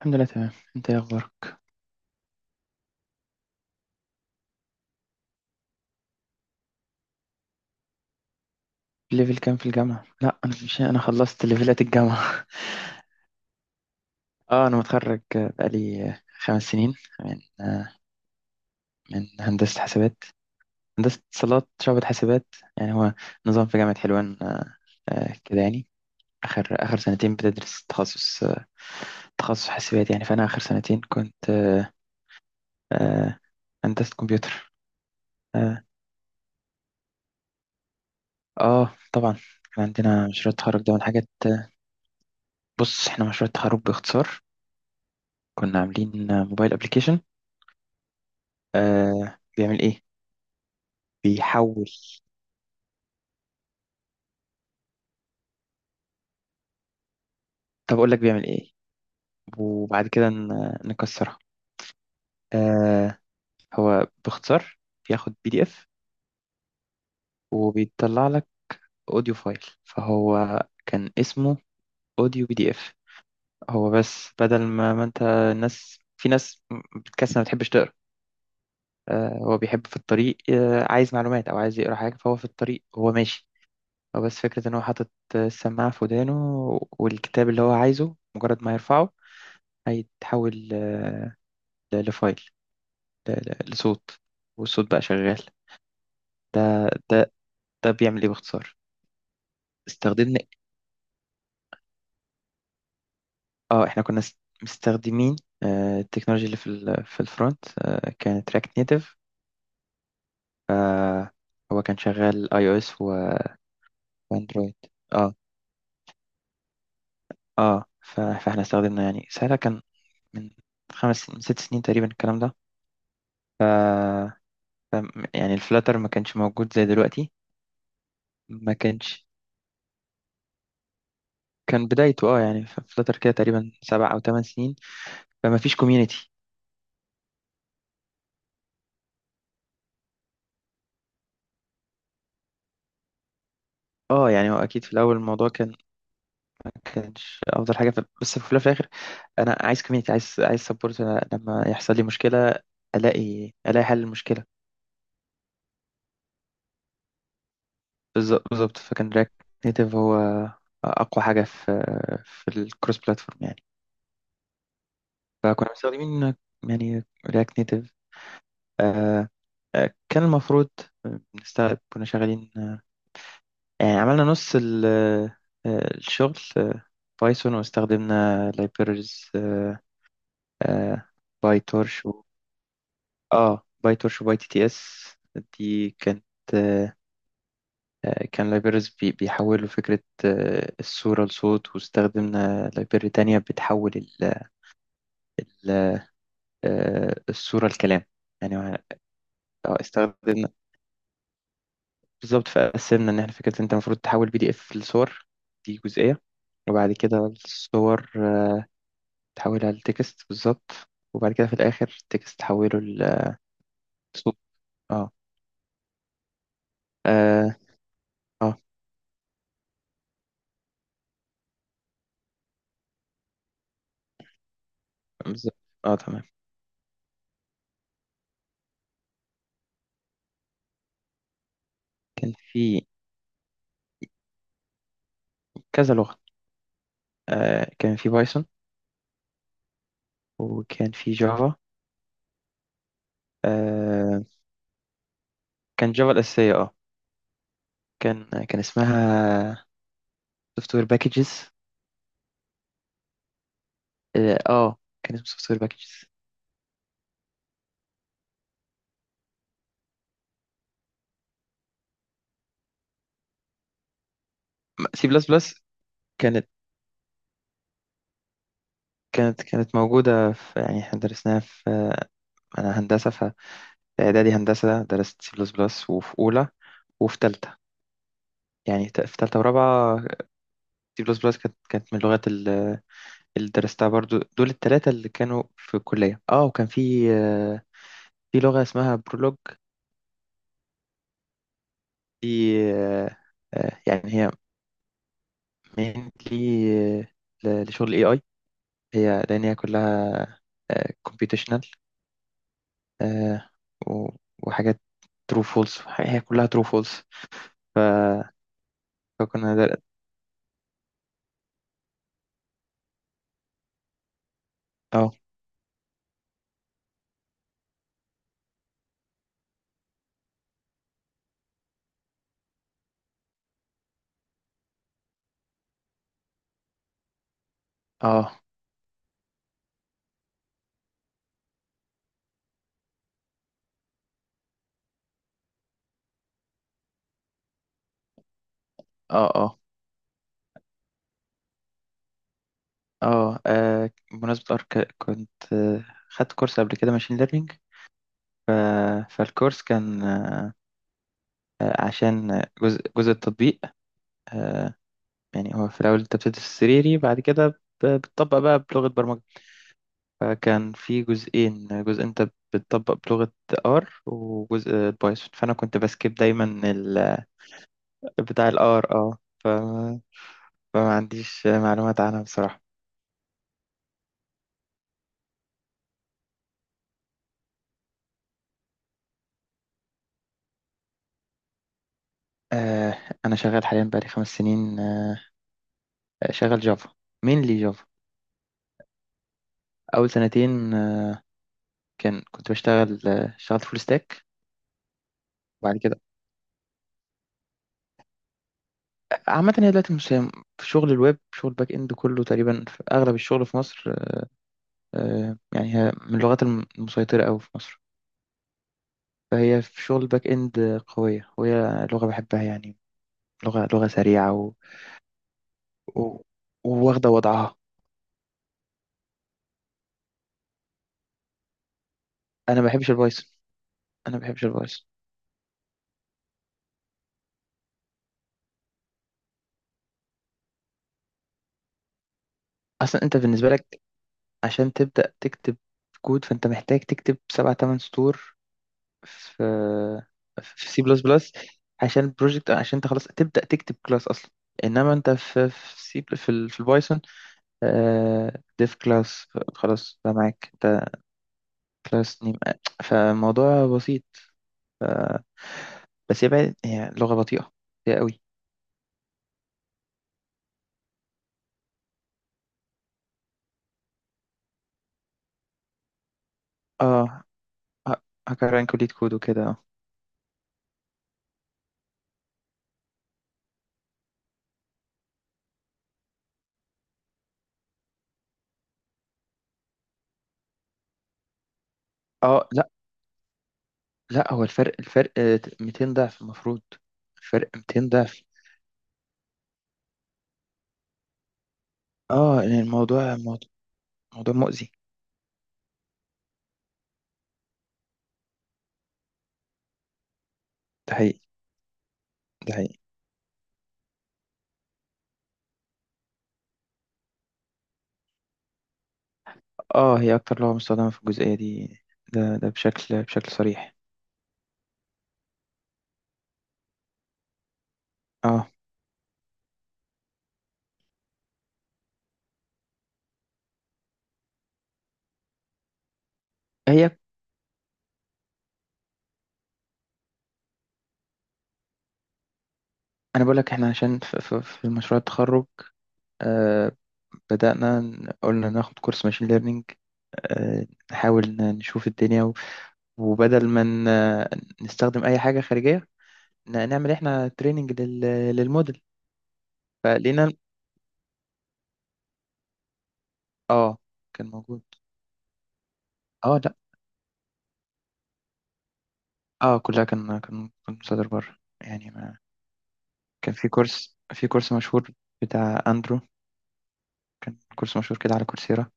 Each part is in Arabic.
الحمد لله تمام. انت ايه اخبارك؟ ليفل كام في الجامعة؟ لا، انا مش، انا خلصت ليفلات الجامعة. اه انا متخرج بقالي خمس سنين من هندسة حسابات، هندسة اتصالات شعبة حسابات. يعني هو نظام في جامعة حلوان. كده يعني اخر سنتين بتدرس تخصص، تخصص حاسبات يعني. فانا اخر سنتين كنت، آه، هندسة كمبيوتر. اه طبعا كان عندنا مشروع التخرج ده من حاجات. بص، احنا مشروع التخرج باختصار كنا عاملين موبايل ابلكيشن. بيعمل ايه؟ بيحول. طب اقول لك بيعمل ايه. وبعد كده نكسرها. آه هو باختصار بياخد بي دي اف وبيطلع لك اوديو فايل. فهو كان اسمه اوديو بي دي اف. هو بس بدل ما انت، الناس، في ناس بتكسل، ما بتحبش تقرا. هو بيحب في الطريق، عايز معلومات او عايز يقرا حاجه، فهو في الطريق وهو ماشي. هو بس فكرة إن هو حاطط السماعة في ودانه، والكتاب اللي هو عايزه مجرد ما يرفعه هيتحول لفايل، لصوت، والصوت بقى شغال. ده ده ده بيعمل إيه باختصار؟ استخدمنا، اه احنا كنا مستخدمين التكنولوجيا اللي في ال... في الفرونت كانت رياكت نيتف. هو كان شغال اي او اس واندرويد. اه فاحنا استخدمنا، يعني ساعتها كان من خمس من ست سنين تقريبا الكلام ده. يعني الفلاتر ما كانش موجود زي دلوقتي، ما كانش. كان بدايته، يعني فلاتر كده تقريبا سبع او ثمان سنين. فما فيش كوميونتي. اه يعني هو اكيد في الاول الموضوع كان ما كانش افضل حاجه. بس في الأول وفي الاخر انا عايز كوميونتي، عايز سبورت. لما يحصل لي مشكله الاقي حل المشكله. بالظبط بالظبط. فكان رياكت نيتيف هو اقوى حاجه في في الكروس بلاتفورم يعني. فكنا مستخدمين يعني رياكت نيتيف. كان المفروض بنستخدم، كنا شغالين، يعني عملنا نص الشغل، بايثون، واستخدمنا libraries آه، باي تورش و... اه باي تورش وباي تي تي اس. دي كانت آه، كان لايبرز بيحولوا فكرة الصورة لصوت. واستخدمنا لايبرري تانية بتحول ال- الصورة لكلام. يعني، استخدمنا، بالظبط. فقسمنا إن احنا فكرة، انت المفروض تحول بي دي اف لصور، دي جزئية. وبعد كده الصور تحولها لتكست بالظبط. وبعد كده في الآخر تكست تحوله لصوت. اه اه اه بالظبط، اه تمام. كان في كذا لغة. كان في بايثون، وكان في جافا. آه كان جافا الأساسية اه. كان اسمها سوفت وير باكجز. كان اسمه سوفت وير باكجز. سي بلس بلس كانت كانت موجودة. في يعني احنا درسناها في، أنا هندسة، فإعدادي هندسة درست سي بلس بلس وفي أولى وفي تالتة. يعني في تالتة ورابعة سي بلس بلس كانت من اللغات اللي درستها برضو دول التلاتة اللي كانوا في الكلية. اه وكان في، في لغة اسمها برولوج. دي آه، يعني هي mainly لشغل اي اي. هي لان هي كلها كومبيوتيشنال وحاجات ترو فولس، هي كلها ترو فولس. فكنا در... اه اه اه اه اه. بمناسبة ارك كنت، خدت كورس قبل كده ماشين ليرنينج. فالكورس كان، عشان جزء التطبيق، آه، يعني هو في الأول أنت بتدرس السريري، بعد كده بتطبق بقى بلغة برمجة. فكان في جزئين، جزء أنت بتطبق بلغة R وجزء بايثون. فأنا كنت بسكيب دايما ال- بتاع ال R. اه ف- فما عنديش معلومات عنها بصراحة. آه، أنا شغال حاليا بقالي خمس سنين، شغال جافا، مين لي جافا. أول سنتين، كان كنت بشتغل، اشتغلت فول ستاك. وبعد كده عامة هي دلوقتي في شغل الويب، شغل باك اند كله تقريبا في أغلب الشغل في مصر. يعني هي من اللغات المسيطرة أوي في مصر. فهي في شغل باك اند قوية، وهي لغة بحبها يعني، لغة سريعة، و... و... وواخدة وضعها. أنا ما بحبش البايثون. أنا ما بحبش البايثون. أصلا أنت بالنسبة لك عشان تبدأ تكتب كود فأنت محتاج تكتب سبع تمن سطور في في سي بلس بلس، عشان بروجكت، عشان انت خلاص تبدأ تكتب كلاس اصلا. انما انت في في سي في, ال- في البايثون ديف كلاس خلاص، بقى معاك انت كلاس نيم. فالموضوع بسيط. ف- بس هي بقى هي لغة بطيئة، هي قوي. اه، ه- هكران كلية كود وكده اه. اه لا لا، هو الفرق 200 ضعف المفروض، الفرق 200 ضعف. اه يعني الموضوع موضوع مؤذي. ده حقيقي. ده حقيقي. اه هي اكتر لغة مستخدمة في الجزئية دي، ده ده بشكل صريح. اه هي، انا بقول لك احنا عشان في مشروع التخرج، آه بدأنا قلنا ناخد كورس ماشين ليرنينج، نحاول نشوف الدنيا، وبدل ما نستخدم اي حاجة خارجية نعمل احنا تريننج لل للموديل. فلقينا، اه، كان موجود. اه لا، اه كلها كان مصادر بره يعني، ما كان في كورس، في كورس مشهور بتاع اندرو، كان كورس مشهور كده على كورسيرا،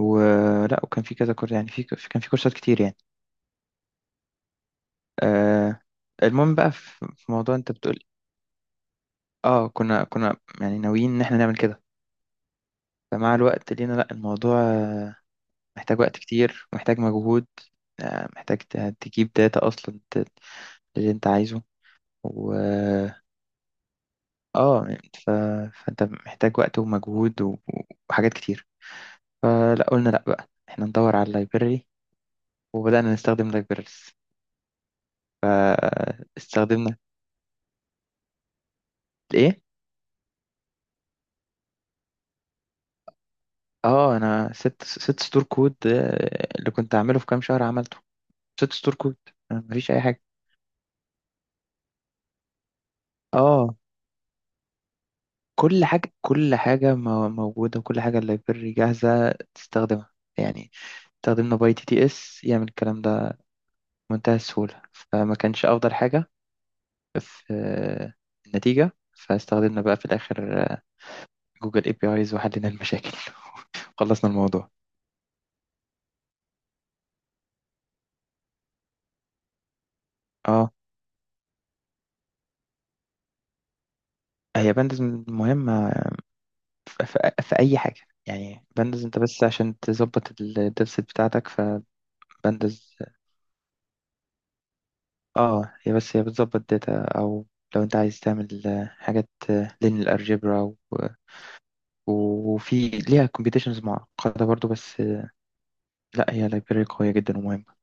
ولا وكان في كذا كورس، يعني في كان في كورسات كتير يعني. آه. المهم بقى، في موضوع انت بتقول، اه كنا كنا يعني ناويين ان احنا نعمل كده. فمع الوقت لينا لا، الموضوع محتاج وقت كتير، محتاج مجهود، محتاج تجيب داتا اصلا اللي انت عايزه و اه ف... فانت محتاج وقت ومجهود و... وحاجات كتير. فلا، قلنا لا بقى، احنا ندور على اللايبراري، وبدأنا نستخدم لايبراريز. استخدمنا الايه. اه انا ست ستور كود، اللي كنت اعمله في كام شهر عملته ست ستور كود. مفيش اي حاجه. اه، كل حاجه موجوده، وكل حاجه اللايبراري جاهزه تستخدمها يعني. استخدمنا باي تي تي اس يعمل الكلام ده بمنتهى السهوله، فما كانش افضل حاجه في النتيجه. فاستخدمنا بقى في الاخر جوجل اي بي ايز وحلينا المشاكل خلصنا الموضوع. اه هي بندز مهمه في, في أي حاجة. يعني بندز أنت بس عشان تظبط الداتا بتاعتك. فبندز، اه، هي بس هي بتظبط داتا، أو لو أنت عايز تعمل حاجات لين الألجبرا و... وفي ليها كومبيتيشنز معقدة برضو، بس لا هي لايبراري قوية جدا ومهمة.